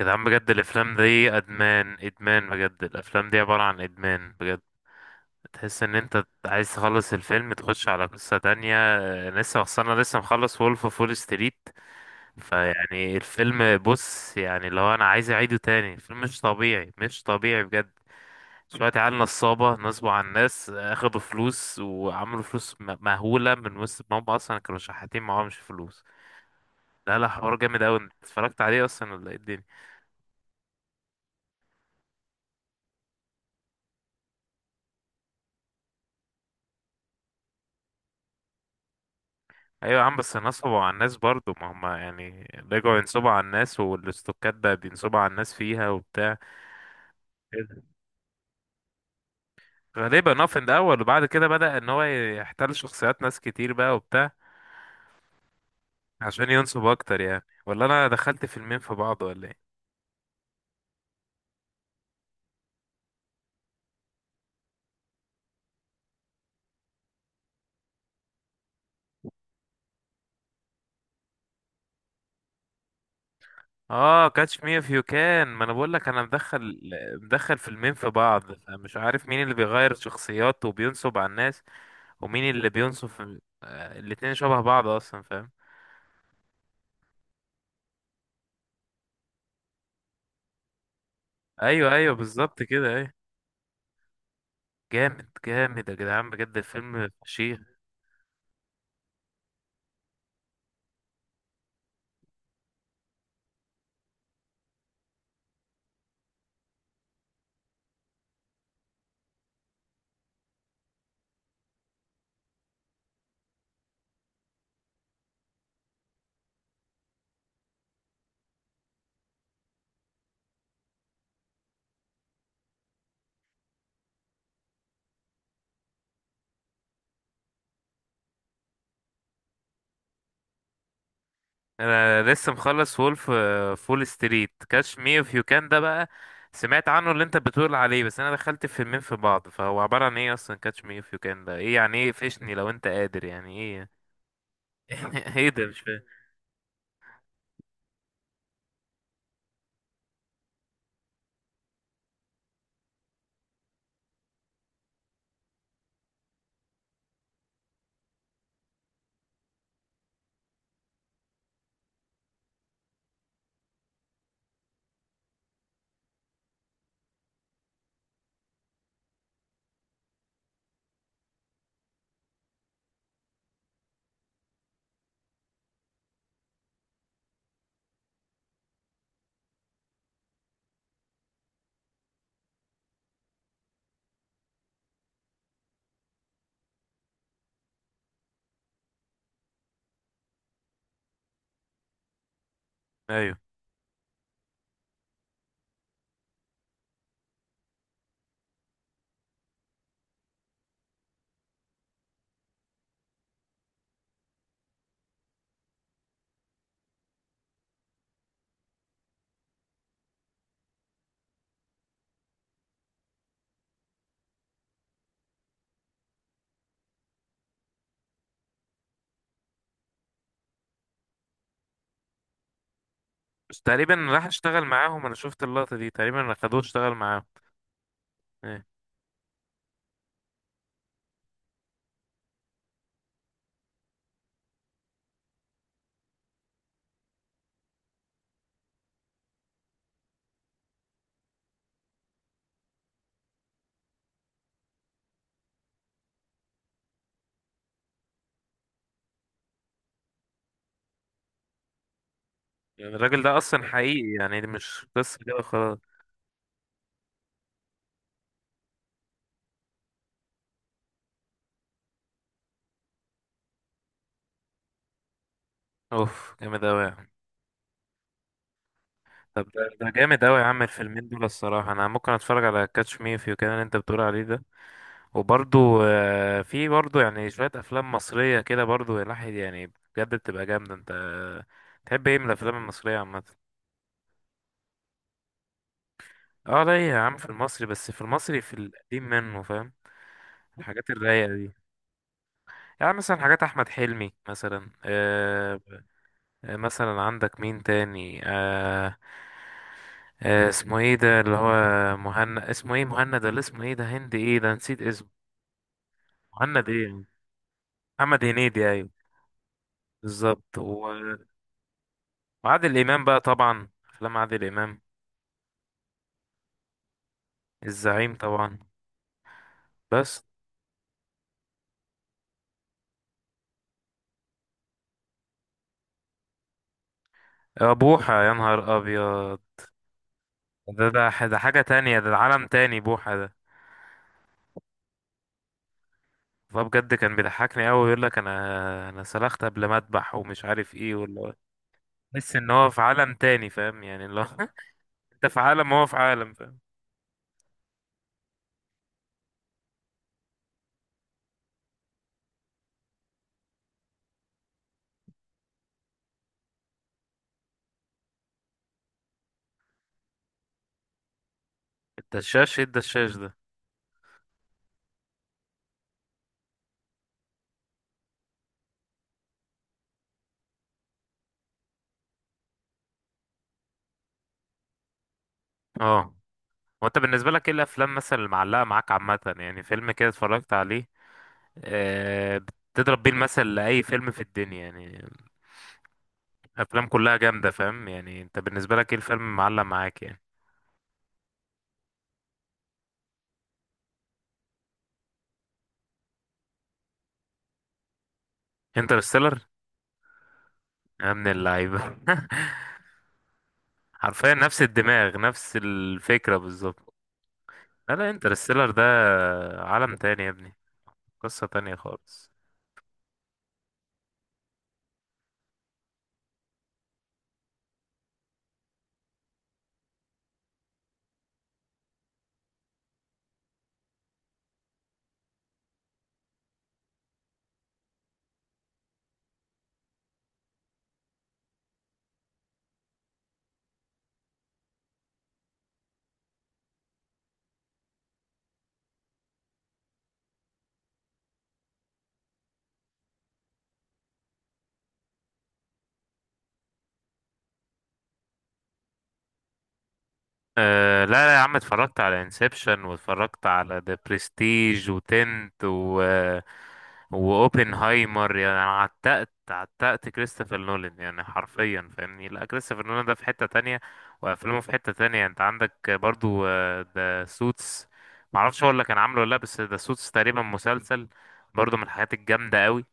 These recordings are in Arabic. يا جدعان، بجد الافلام دي ادمان ادمان، بجد الافلام دي عبارة عن ادمان بجد. تحس ان انت عايز تخلص الفيلم تخش على قصة تانية. لسه انا لسه مخلص وولف اوف وول ستريت. فيعني الفيلم، بص يعني لو انا عايز اعيده تاني، الفيلم مش طبيعي، مش طبيعي بجد. شوية عيال نصابة نصبوا على الناس، اخدوا فلوس وعملوا فلوس مهولة من وسط ما هم اصلا كانوا شحاتين معهمش فلوس. لا لا، حوار جامد اوي، انت اتفرجت عليه اصلا ولا ايه الدنيا؟ ايوه يا عم، بس نصبوا على الناس برضو، ما هم يعني رجعوا ينصبوا على الناس، والاستوكات ده بينصبوا على الناس فيها وبتاع كده. غالبا اه في الاول، وبعد كده بدأ ان هو يحتل شخصيات ناس كتير بقى وبتاع عشان ينصب اكتر يعني. ولا انا دخلت فيلمين في بعض ولا ايه؟ اه كاتش مي اف يو كان. ما انا بقول لك انا مدخل مدخل فيلمين في بعض، فمش عارف مين اللي بيغير شخصياته وبينصب على الناس، ومين اللي بينصب الاتنين شبه بعض اصلا، فاهم. ايوه ايوه، بالظبط كده، ايوه. جامد جامد يا جدعان، بجد الفيلم فشيخ. انا لسه مخلص وولف فول ستريت. كاتش مي اوف يو كان ده بقى سمعت عنه اللي انت بتقول عليه، بس انا دخلت الفيلمين في بعض، فهو عبارة عن ايه اصلا؟ كاتش مي اوف يو كان ده ايه يعني؟ ايه؟ فشني لو انت قادر يعني، ايه؟ ايه ده، مش فاهم. ايوه. بس تقريبا راح اشتغل معاهم، انا شفت اللقطة دي، تقريبا خدوه اشتغل معاهم. ايه؟ يعني الراجل ده اصلا حقيقي يعني؟ دي مش قصة كده خلاص؟ اوف، جامد اوي يعني. طب ده ده جامد أوي يا عم، الفيلمين دول الصراحة أنا ممكن أتفرج على كاتش مي إف يو كان اللي أنت بتقول عليه ده. وبرضو في برضو يعني شوية أفلام مصرية كده، برضو الواحد يعني بجد بتبقى جامدة. أنت تحب إيه من الأفلام المصرية عامة؟ أه ليا يا عم في المصري، بس في المصري في القديم منه، فاهم. الحاجات الرايقة دي، يعني مثلا حاجات أحمد حلمي مثلا. مثلا عندك مين تاني؟ آه، آه اسمه ايه ده اللي هو مهند، اسمه ايه؟ مهند ولا اسمه ايه ده؟ هند ايه ده، نسيت اسمه. مهند ايه؟ محمد هنيدي، ايوه، بالظبط. و- وعادل امام بقى، طبعا افلام عادل امام. الزعيم طبعا. بس بوحة، يا نهار ابيض. ده ده ده حاجة تانية، ده عالم تاني بوحة ده. والله بجد كان بيضحكني قوي، يقول لك انا انا سلخت قبل ما اذبح ومش عارف ايه ولا. تحس ان هو في عالم تاني، فاهم يعني اللي هو انت في عالم وهو في عالم، فاهم. الدشاش ايه الدشاش ده؟ اه. هو انت بالنسبه لك ايه الافلام مثلا اللي معلقه معاك عامه يعني، فيلم كده اتفرجت عليه، آه، بتضرب بيه المثل لاي فيلم في الدنيا يعني، افلام كلها جامده، فاهم يعني، انت بالنسبه لك ايه الفيلم اللي معلق معاك يعني؟ انترستيلر. يا ابن اللعيبه. حرفيا نفس الدماغ، نفس الفكره بالظبط. لا لا انترستيلر ده عالم تاني يا ابني. قصه تانية خالص. أه لا لا يا عم، اتفرجت على انسبشن، واتفرجت على ذا بريستيج، وتنت، و واوبنهايمر يعني. أنا عتقت عتقت كريستوفر نولان يعني حرفيا، فاهمني. لا، كريستوفر نولان ده في حتة تانية، وافلامه في حتة تانية. انت عندك برضو ذا سوتس، معرفش هو اللي كان عامله ولا لا، بس ذا سوتس تقريبا مسلسل، برضو من الحاجات الجامدة قوي.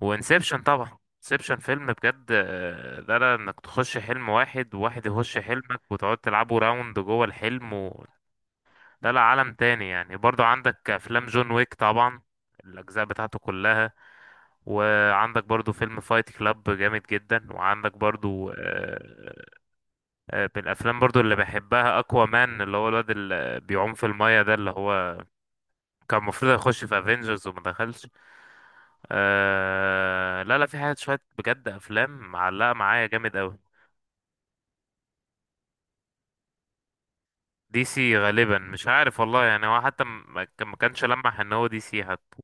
وانسبشن طبعا. انسبشن فيلم بجد، ده لا، انك تخش حلم واحد وواحد يخش حلمك وتقعد تلعبوا راوند جوه الحلم و... ده لا عالم تاني يعني. برضو عندك افلام جون ويك طبعا، الاجزاء بتاعته كلها. وعندك برضو فيلم فايت كلاب جامد جدا. وعندك برضو من الافلام برضو اللي بحبها اكوا مان، اللي هو الواد اللي بيعوم في المايه ده، اللي هو كان المفروض يخش في افنجرز وما دخلش. آه لا لا، في حاجات شوية بجد، أفلام معلقة معايا جامد أوي. دي سي غالبا، مش عارف والله يعني، هو حتى ما كانش لمح ان هو دي سي حتى.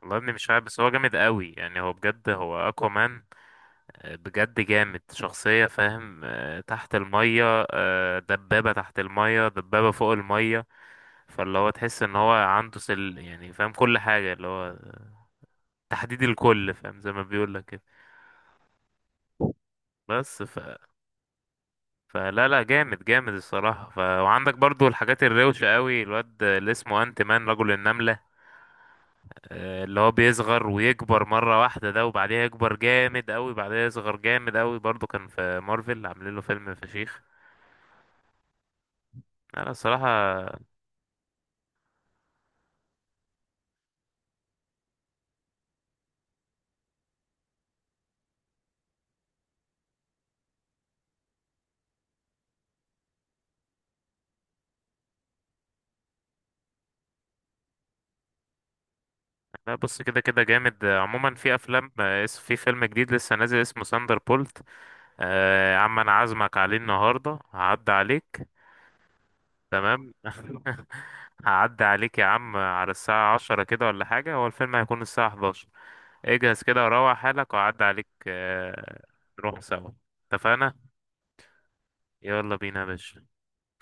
والله يا ابني مش عارف، بس هو جامد أوي يعني. هو بجد هو اكوامان، بجد جامد شخصية، فاهم. تحت المية، دبابة تحت المية، دبابة فوق المية. فاللي هو تحس ان هو عنده سل يعني، فاهم كل حاجة اللي هو تحديد الكل، فاهم، زي ما بيقول لك كده. بس، فلا لا، جامد جامد الصراحة ف... وعندك برضو الحاجات الروشة قوي، الواد اللي اسمه انت مان، رجل النملة. اللي هو بيصغر ويكبر مرة واحدة ده، وبعديها يكبر جامد قوي، بعديها يصغر جامد قوي. برضو كان في مارفل عاملين له فيلم فشيخ. لا لا الصراحة. لا بص كده كده جامد. عموما في أفلام في فيلم جديد لسه نازل اسمه ساندر بولت. يا عم أنا عازمك عليه النهاردة، هعدي عليك. تمام. هعدي عليك يا عم على الساعة 10 كده ولا حاجة، هو الفيلم هيكون الساعة 11. اجهز كده وروح حالك وأعدي عليك نروح سوا. اتفقنا. يلا بينا يا باشا.